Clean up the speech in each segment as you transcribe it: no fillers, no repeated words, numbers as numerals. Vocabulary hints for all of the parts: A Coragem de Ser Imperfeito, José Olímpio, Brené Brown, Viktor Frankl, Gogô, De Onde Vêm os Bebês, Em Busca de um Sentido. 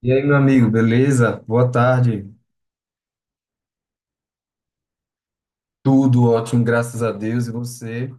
E aí, meu amigo, beleza? Boa tarde. Tudo ótimo, graças a Deus. E você?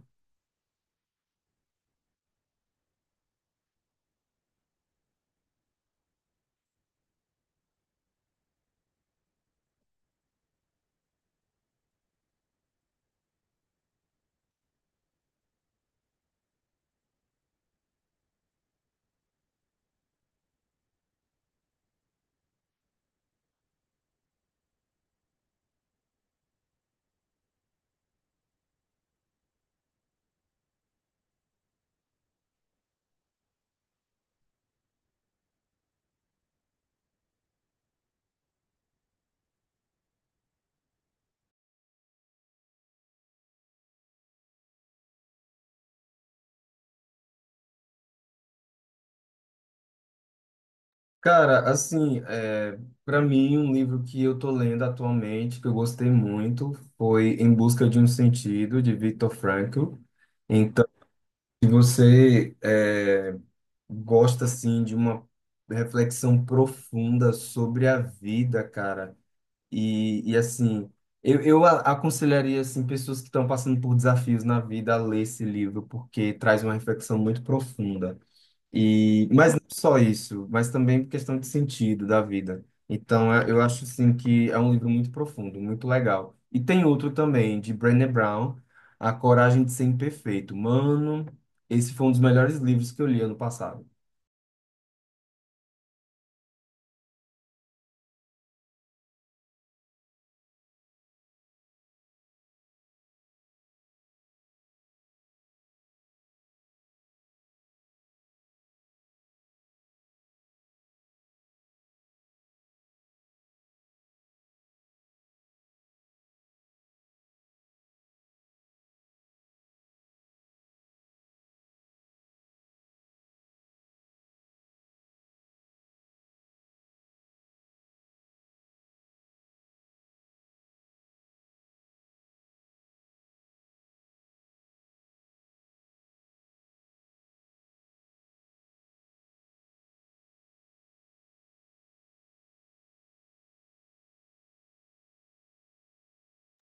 Cara, assim, é, para mim, um livro que eu tô lendo atualmente, que eu gostei muito, foi Em Busca de um Sentido, de Viktor Frankl. Então, se você é, gosta, assim, de uma reflexão profunda sobre a vida, cara, e assim, eu aconselharia assim, pessoas que estão passando por desafios na vida a ler esse livro, porque traz uma reflexão muito profunda. E, mas não só isso, mas também questão de sentido da vida. Então, eu acho assim, que é um livro muito profundo, muito legal. E tem outro também, de Brené Brown, A Coragem de Ser Imperfeito. Mano, esse foi um dos melhores livros que eu li ano passado.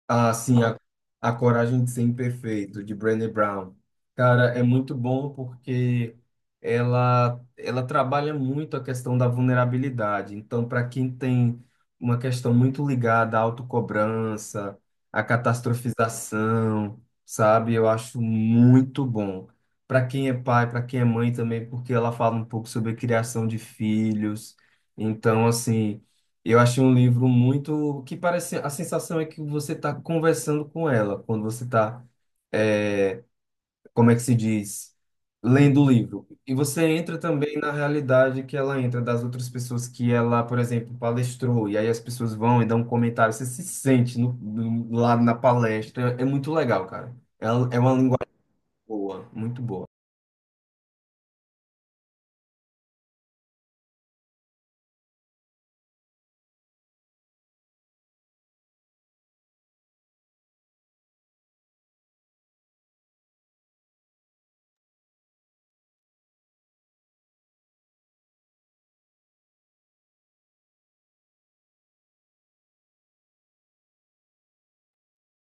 Ah, sim, a Coragem de Ser Imperfeito, de Brené Brown. Cara, é muito bom porque ela trabalha muito a questão da vulnerabilidade. Então, para quem tem uma questão muito ligada à autocobrança, à catastrofização, sabe? Eu acho muito bom. Para quem é pai, para quem é mãe também, porque ela fala um pouco sobre a criação de filhos. Então, assim. Eu achei um livro muito que parece a sensação é que você está conversando com ela quando você está, é, como é que se diz, lendo o livro. E você entra também na realidade que ela entra das outras pessoas que ela, por exemplo, palestrou. E aí as pessoas vão e dão um comentário. Você se sente no, no, lá na palestra. É muito legal, cara. É, é uma linguagem boa, muito boa.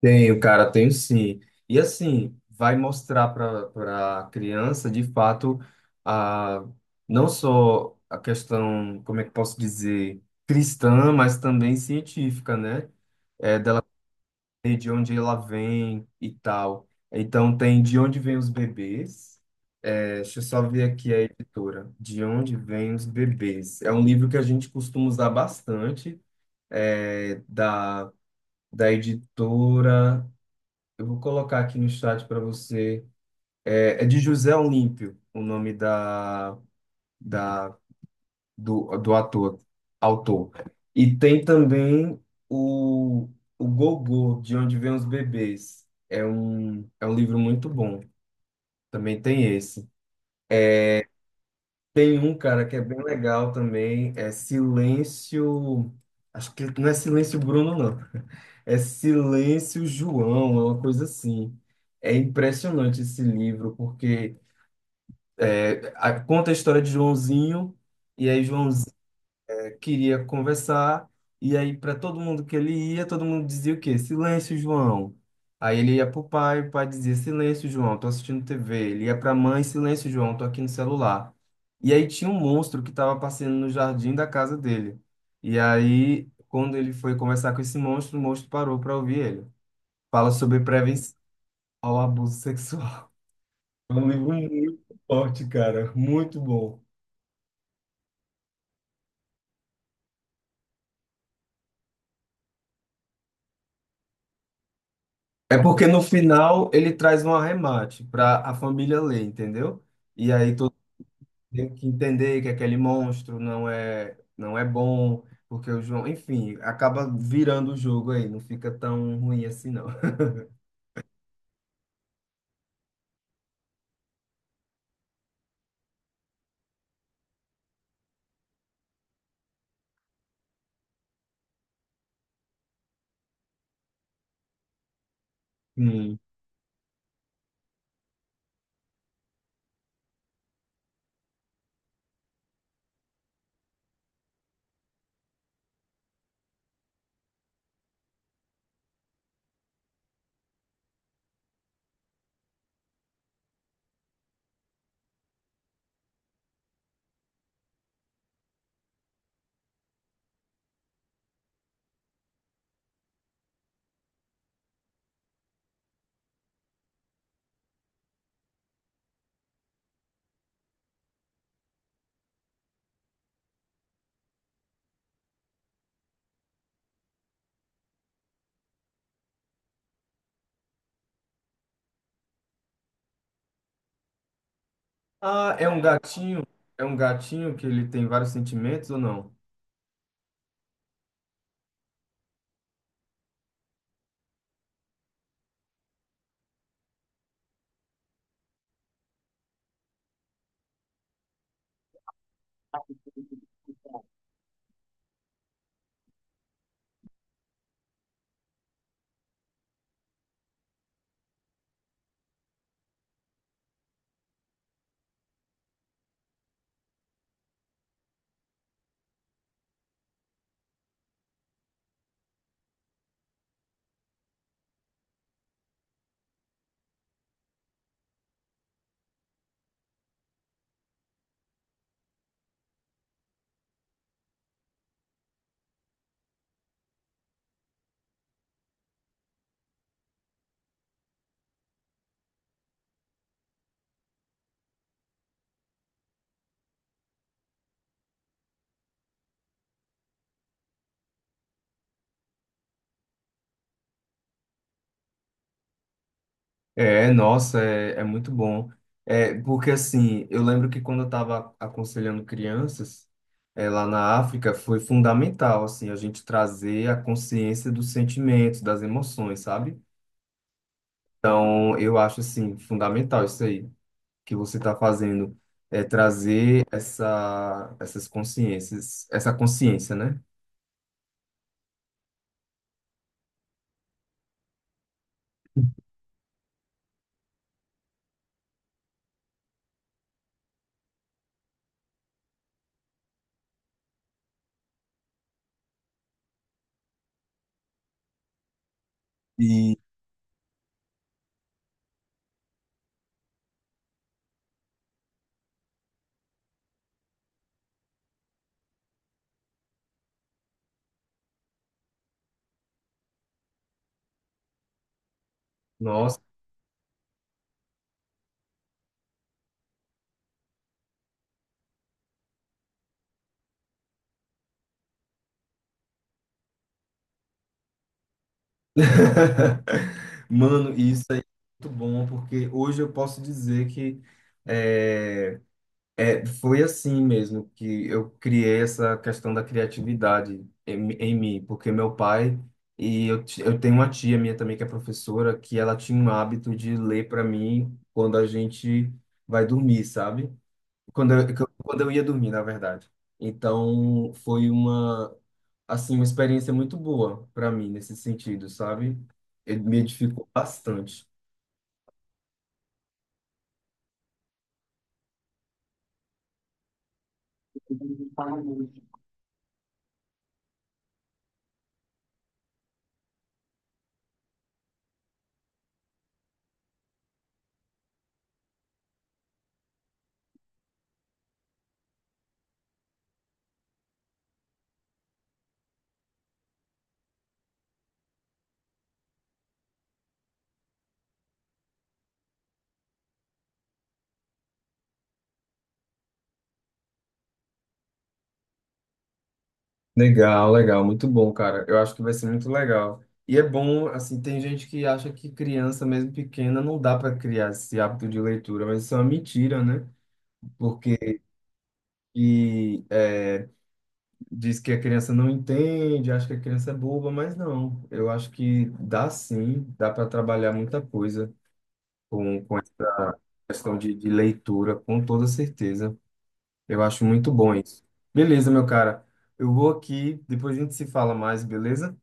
Tenho, cara, tenho sim. E assim, vai mostrar para a criança, de fato, a, não só a questão, como é que posso dizer, cristã, mas também científica, né? E de onde ela vem e tal. Então, tem de onde vêm os bebês. É, deixa eu só ver aqui a editora. De onde vêm os bebês? É um livro que a gente costuma usar bastante, da, da editora. Eu vou colocar aqui no chat para você. É, é de José Olímpio, o nome da, do do autor. E tem também o, o Gogô, De Onde Vêm os Bebês. É um livro muito bom. Também tem esse. Tem um, cara, que é bem legal também. É Silêncio. Acho que não é Silêncio Bruno, não. É Silêncio João, é uma coisa assim. É impressionante esse livro, porque conta a história de Joãozinho, e aí Joãozinho queria conversar, e aí para todo mundo que ele ia, todo mundo dizia o quê? Silêncio, João. Aí ele ia pro pai, o pai dizia silêncio, João, tô assistindo TV. Ele ia pra mãe, silêncio, João, tô aqui no celular. E aí tinha um monstro que estava passeando no jardim da casa dele. E aí, quando ele foi conversar com esse monstro, o monstro parou para ouvir ele. Fala sobre prevenção ao abuso sexual. É um livro muito forte, cara, muito bom. É porque no final ele traz um arremate para a família ler, entendeu? E aí todo mundo tem que entender que aquele monstro não é bom, porque o João, enfim, acaba virando o jogo aí, não fica tão ruim assim não. Hum. Ah, é um gatinho que ele tem vários sentimentos ou não? É, nossa, é, é muito bom. É, porque assim, eu lembro que quando eu estava aconselhando crianças, é, lá na África, foi fundamental, assim, a gente trazer a consciência dos sentimentos, das emoções, sabe? Então, eu acho, assim, fundamental isso aí que você está fazendo, é trazer essas consciências, essa consciência, né? E, nossa, mano, isso aí é muito bom, porque hoje eu posso dizer que é, É, foi assim mesmo que eu criei essa questão da criatividade em mim, porque meu pai e eu, eu tenho uma tia minha também que é professora, que ela tinha um hábito de ler para mim quando a gente vai dormir, sabe? Quando eu ia dormir, na verdade. Então, foi uma, assim, uma experiência muito boa para mim nesse sentido, sabe? Ele me edificou bastante. Legal, legal, muito bom, cara. Eu acho que vai ser muito legal. E é bom, assim, tem gente que acha que criança, mesmo pequena, não dá para criar esse hábito de leitura, mas isso é uma mentira, né? Porque e, é, diz que a criança não entende, acha que a criança é boba, mas não. Eu acho que dá sim, dá para trabalhar muita coisa com essa questão de leitura, com toda certeza. Eu acho muito bom isso. Beleza, meu cara. Eu vou aqui, depois a gente se fala mais, beleza?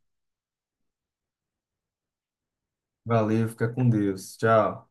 Valeu, fica com Deus. Tchau.